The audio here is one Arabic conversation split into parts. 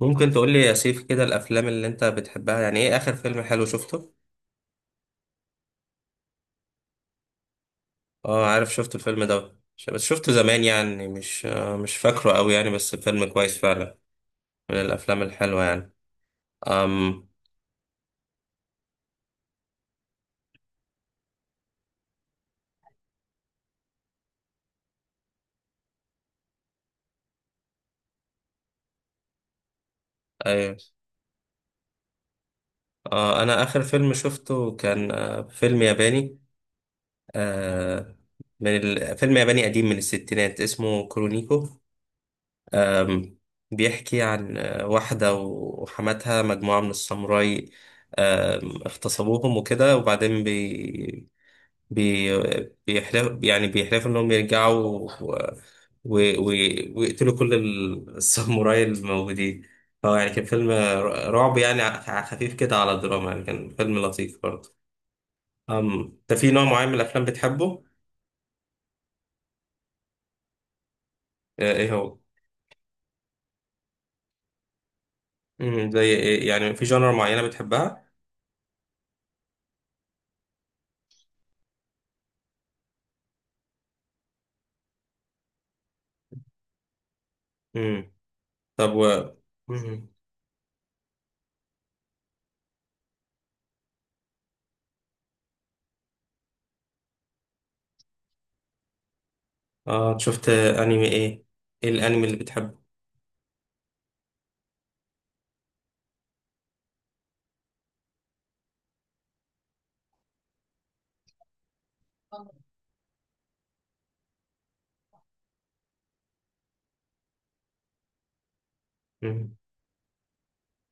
ممكن تقول لي يا سيف كده، الافلام اللي انت بتحبها يعني ايه؟ اخر فيلم حلو شفته؟ اه، عارف شفت الفيلم ده. بس شفته زمان يعني مش فاكره قوي يعني، بس فيلم كويس فعلا. من الافلام الحلوه يعني. امم. ايوه. انا اخر فيلم شفته كان فيلم ياباني. آه فيلم ياباني قديم من الستينات اسمه كرونيكو. أم، بيحكي عن واحدة وحماتها، مجموعة من الساموراي اغتصبوهم وكده. وبعدين بي بي بيحلف، يعني بيحلفوا إنهم يرجعوا و... و... ويقتلوا كل الساموراي الموجودين. هو يعني كان فيلم رعب يعني، خفيف كده على الدراما، يعني كان فيلم لطيف برضه. أم، ده في نوع معين من الأفلام بتحبه؟ إيه هو؟ مم، زي إيه؟ يعني في جانر معينة بتحبها؟ مم. طب مم. اه، شفت انمي ايه؟ ايه الانمي اللي بتحبه؟ مم.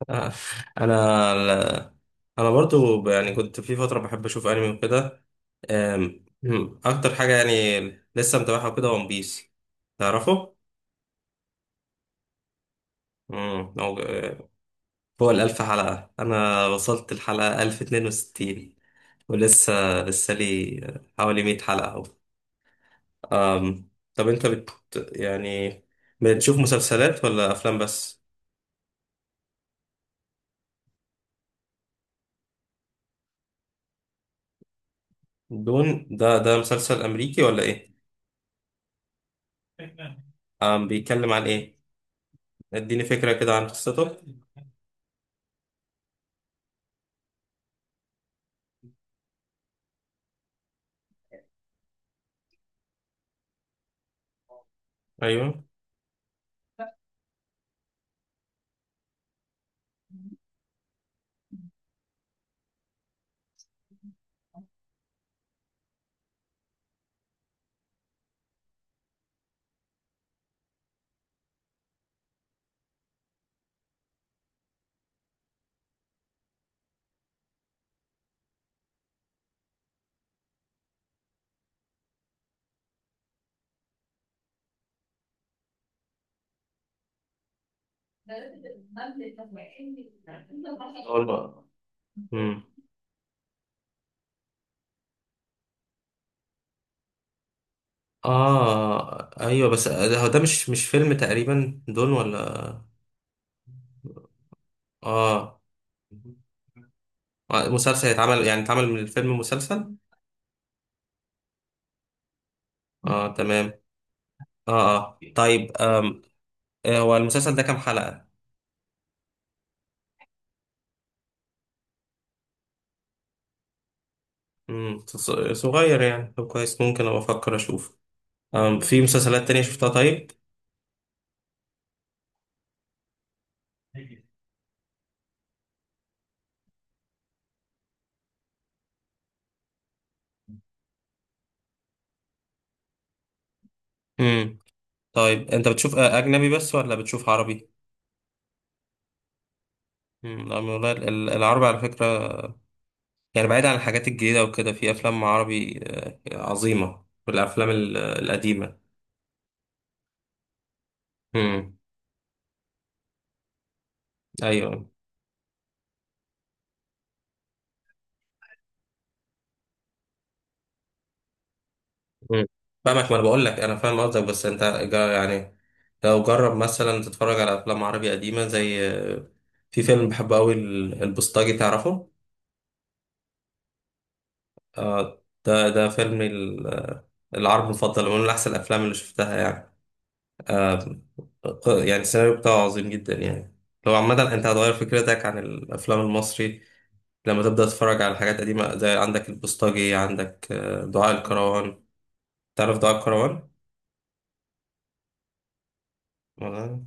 آه، انا ال- انا برضو، يعني كنت في فتره بحب اشوف انمي وكده. آم، مم، اكتر حاجه يعني لسه متابعها وكده ون بيس، تعرفه؟ مم، هو آه، هو الالف حلقه، انا وصلت الحلقه 1062 ولسه لي حوالي 100 حلقه أهو. طب انت يعني بتشوف مسلسلات ولا افلام بس؟ دون ده مسلسل أمريكي ولا إيه؟ بيتكلم عن إيه؟ اديني فكرة كده عن قصته. أيوه. أول. امم. أيوه، بس هو ده مش فيلم تقريبا دون ولا؟ آه. مسلسل يتعمل يعني اتعمل من الفيلم مسلسل. آه تمام. آه آه، طيب. آم. هو المسلسل ده كام حلقة؟ امم، صغير يعني. طب كويس، ممكن أبقى أفكر أشوف. آم، في مسلسلات تانية شفتها طيب؟ طيب انت بتشوف اجنبي بس ولا بتشوف عربي؟ امم، لا والله العربي على فكره، يعني بعيد عن الحاجات الجديده وكده، في افلام عربي عظيمه، والافلام القديمه. امم. ايوه. امم، فاهمك. ما انا بقول لك انا فاهم قصدك، بس انت جا- يعني لو جرب مثلا تتفرج على افلام عربي قديمه زي في فيلم بحبه قوي، البوسطجي، تعرفه؟ ده ده فيلم ال- آه، العربي المفضل، من احسن الافلام اللي شفتها يعني. آه يعني السيناريو بتاعه عظيم جدا يعني. لو عامة أنت هتغير فكرتك عن الأفلام المصري لما تبدأ تتفرج على حاجات قديمة، زي عندك البوسطجي، عندك دعاء الكروان. تعرف دعاء الكروان؟ ولا؟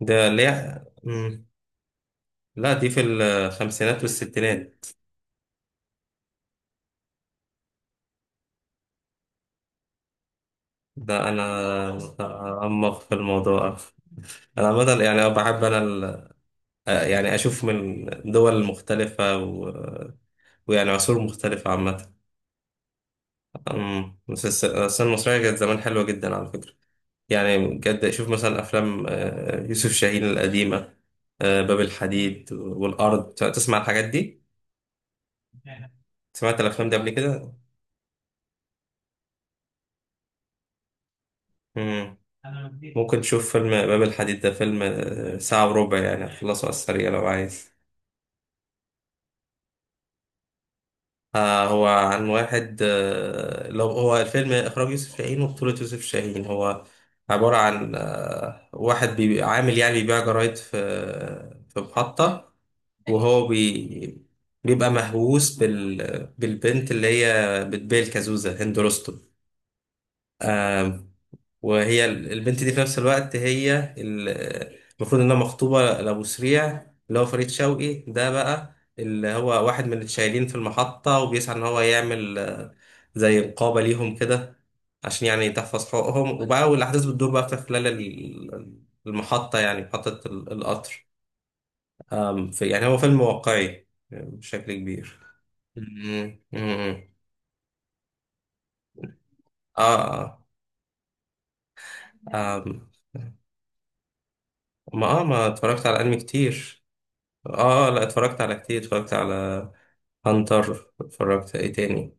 ده اللي هي لا، دي في الخمسينات والستينات. ده أنا أعمق في الموضوع. أنا عامة يعني بحب أنا يعني أشوف من دول مختلفة ويعني عصور مختلفة عامة. أمم، بس السينما المصرية كانت زمان حلوة جدا على فكرة. يعني بجد شوف مثلا أفلام يوسف شاهين القديمة، باب الحديد والأرض. تسمع الحاجات دي؟ سمعت الأفلام دي قبل كده؟ أمم. ممكن تشوف فيلم باب الحديد، ده فيلم ساعة وربع، يعني هتخلصه على السريع لو عايز. هو عن واحد. آه لو هو الفيلم إخراج يوسف شاهين وبطولة يوسف شاهين. هو عبارة عن واحد عامل، يعني بيبيع جرايد في في محطة. وهو بي... بيبقى مهووس بالبنت اللي هي بتبيع الكازوزة، هند رستم. آم، وهي البنت دي، في نفس الوقت هي المفروض انها مخطوبة لأبو سريع، اللي هو فريد شوقي. ده بقى اللي هو واحد من الشايلين في المحطة، وبيسعى ان هو يعمل زي نقابة ليهم كده، عشان يعني تحفظ حقوقهم. وبقى والأحداث بتدور بقى في خلال المحطة، يعني محطة القطر. في يعني هو فيلم واقعي بشكل كبير. مم. مم. اه. اه. آم. ما اتفرجت على انمي كتير. اه، لا اتفرجت على كتير، اتفرجت على هانتر، اتفرجت ايه تاني،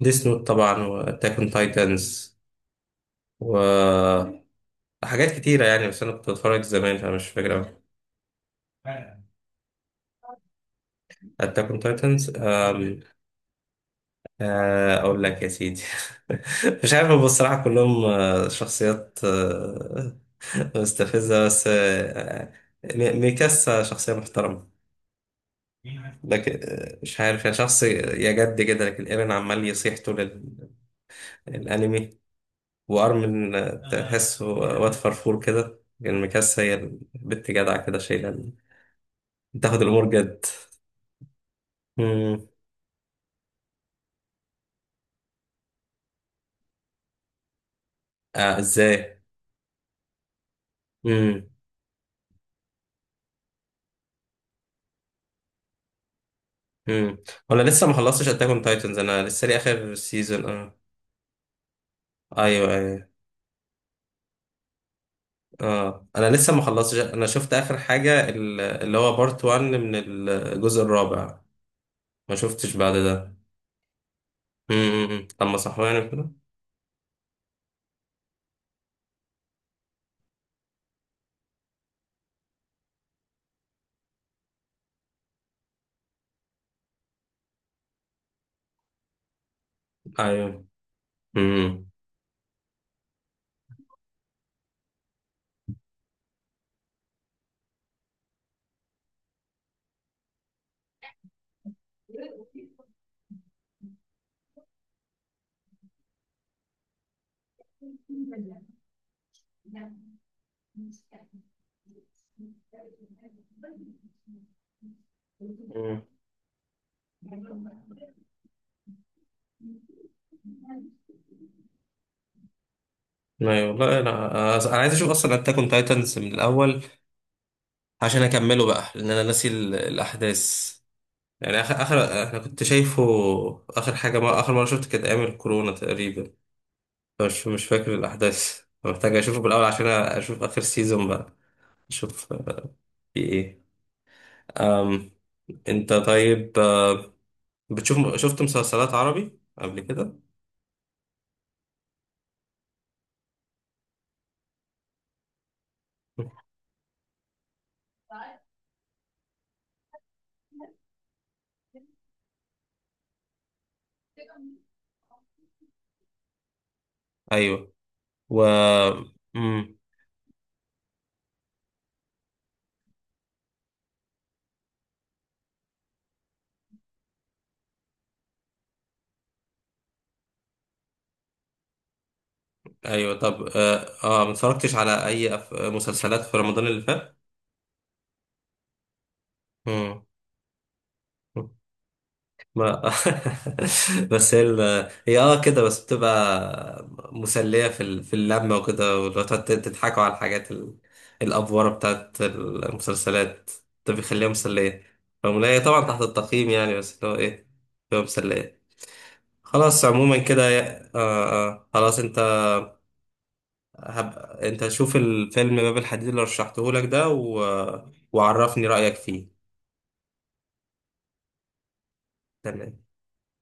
ديس نوت طبعا، واتاك اون تايتنز وحاجات كتيرة يعني. بس انا كنت بتفرج زمان فمش فاكر اوي. اتاك اون تايتنز، اقول لك يا سيدي. مش عارف، هو بصراحة كلهم شخصيات مستفزة، بس ميكاسا شخصية محترمة. لكن مش عارف، يعني شخص يا جد كده. لكن ايرين عمال يصيح طول الأنمي، وأرمن تحسه واد فرفور كده. لكن ميكاسا هي البت جدعة كده، شايلة، بتاخد الأمور جد. مم. آه، ازاي؟ مم. مم. وأنا لسه ما خلصتش أتاك أون تايتنز، أنا لسه لي آخر سيزون. أيوه، أيوه. اه، انا لسه ما خلصتش، انا شفت اخر حاجه اللي هو بارت 1 من الجزء الرابع. ما شفتش بعد ده. طب ما صحواني كده. ايوه. امم. مم. ايوه، لا لا، انا عايز اشوف اصلا اتاك اون تايتنز من الاول عشان اكمله بقى، لان انا ناسي الاحداث. يعني اخر انا كنت شايفه، اخر حاجه، ما اخر مره شفت كانت ايام الكورونا تقريبا، مش فاكر الاحداث. محتاج اشوفه بالاول عشان اشوف اخر سيزون بقى، اشوف في ايه. أم. انت طيب، شفت مسلسلات عربي قبل كده؟ ايوه. و. مم. ايوه، طب اه ما اتفرجتش على اي مسلسلات في رمضان اللي فات. مم. ما بس هي هي اه كده بس، بتبقى مسلية في في اللمة وكده، ولو تقعد تضحكوا على الحاجات الأفورة بتاعت المسلسلات، ده بيخليها مسلية رغم إن هي طبعا تحت التقييم يعني. بس اللي هو ايه، بتبقى مسلية. خلاص عموما كده. خلاص انت، انت شوف الفيلم باب الحديد اللي رشحته لك ده، وعرفني رأيك فيه. تمام.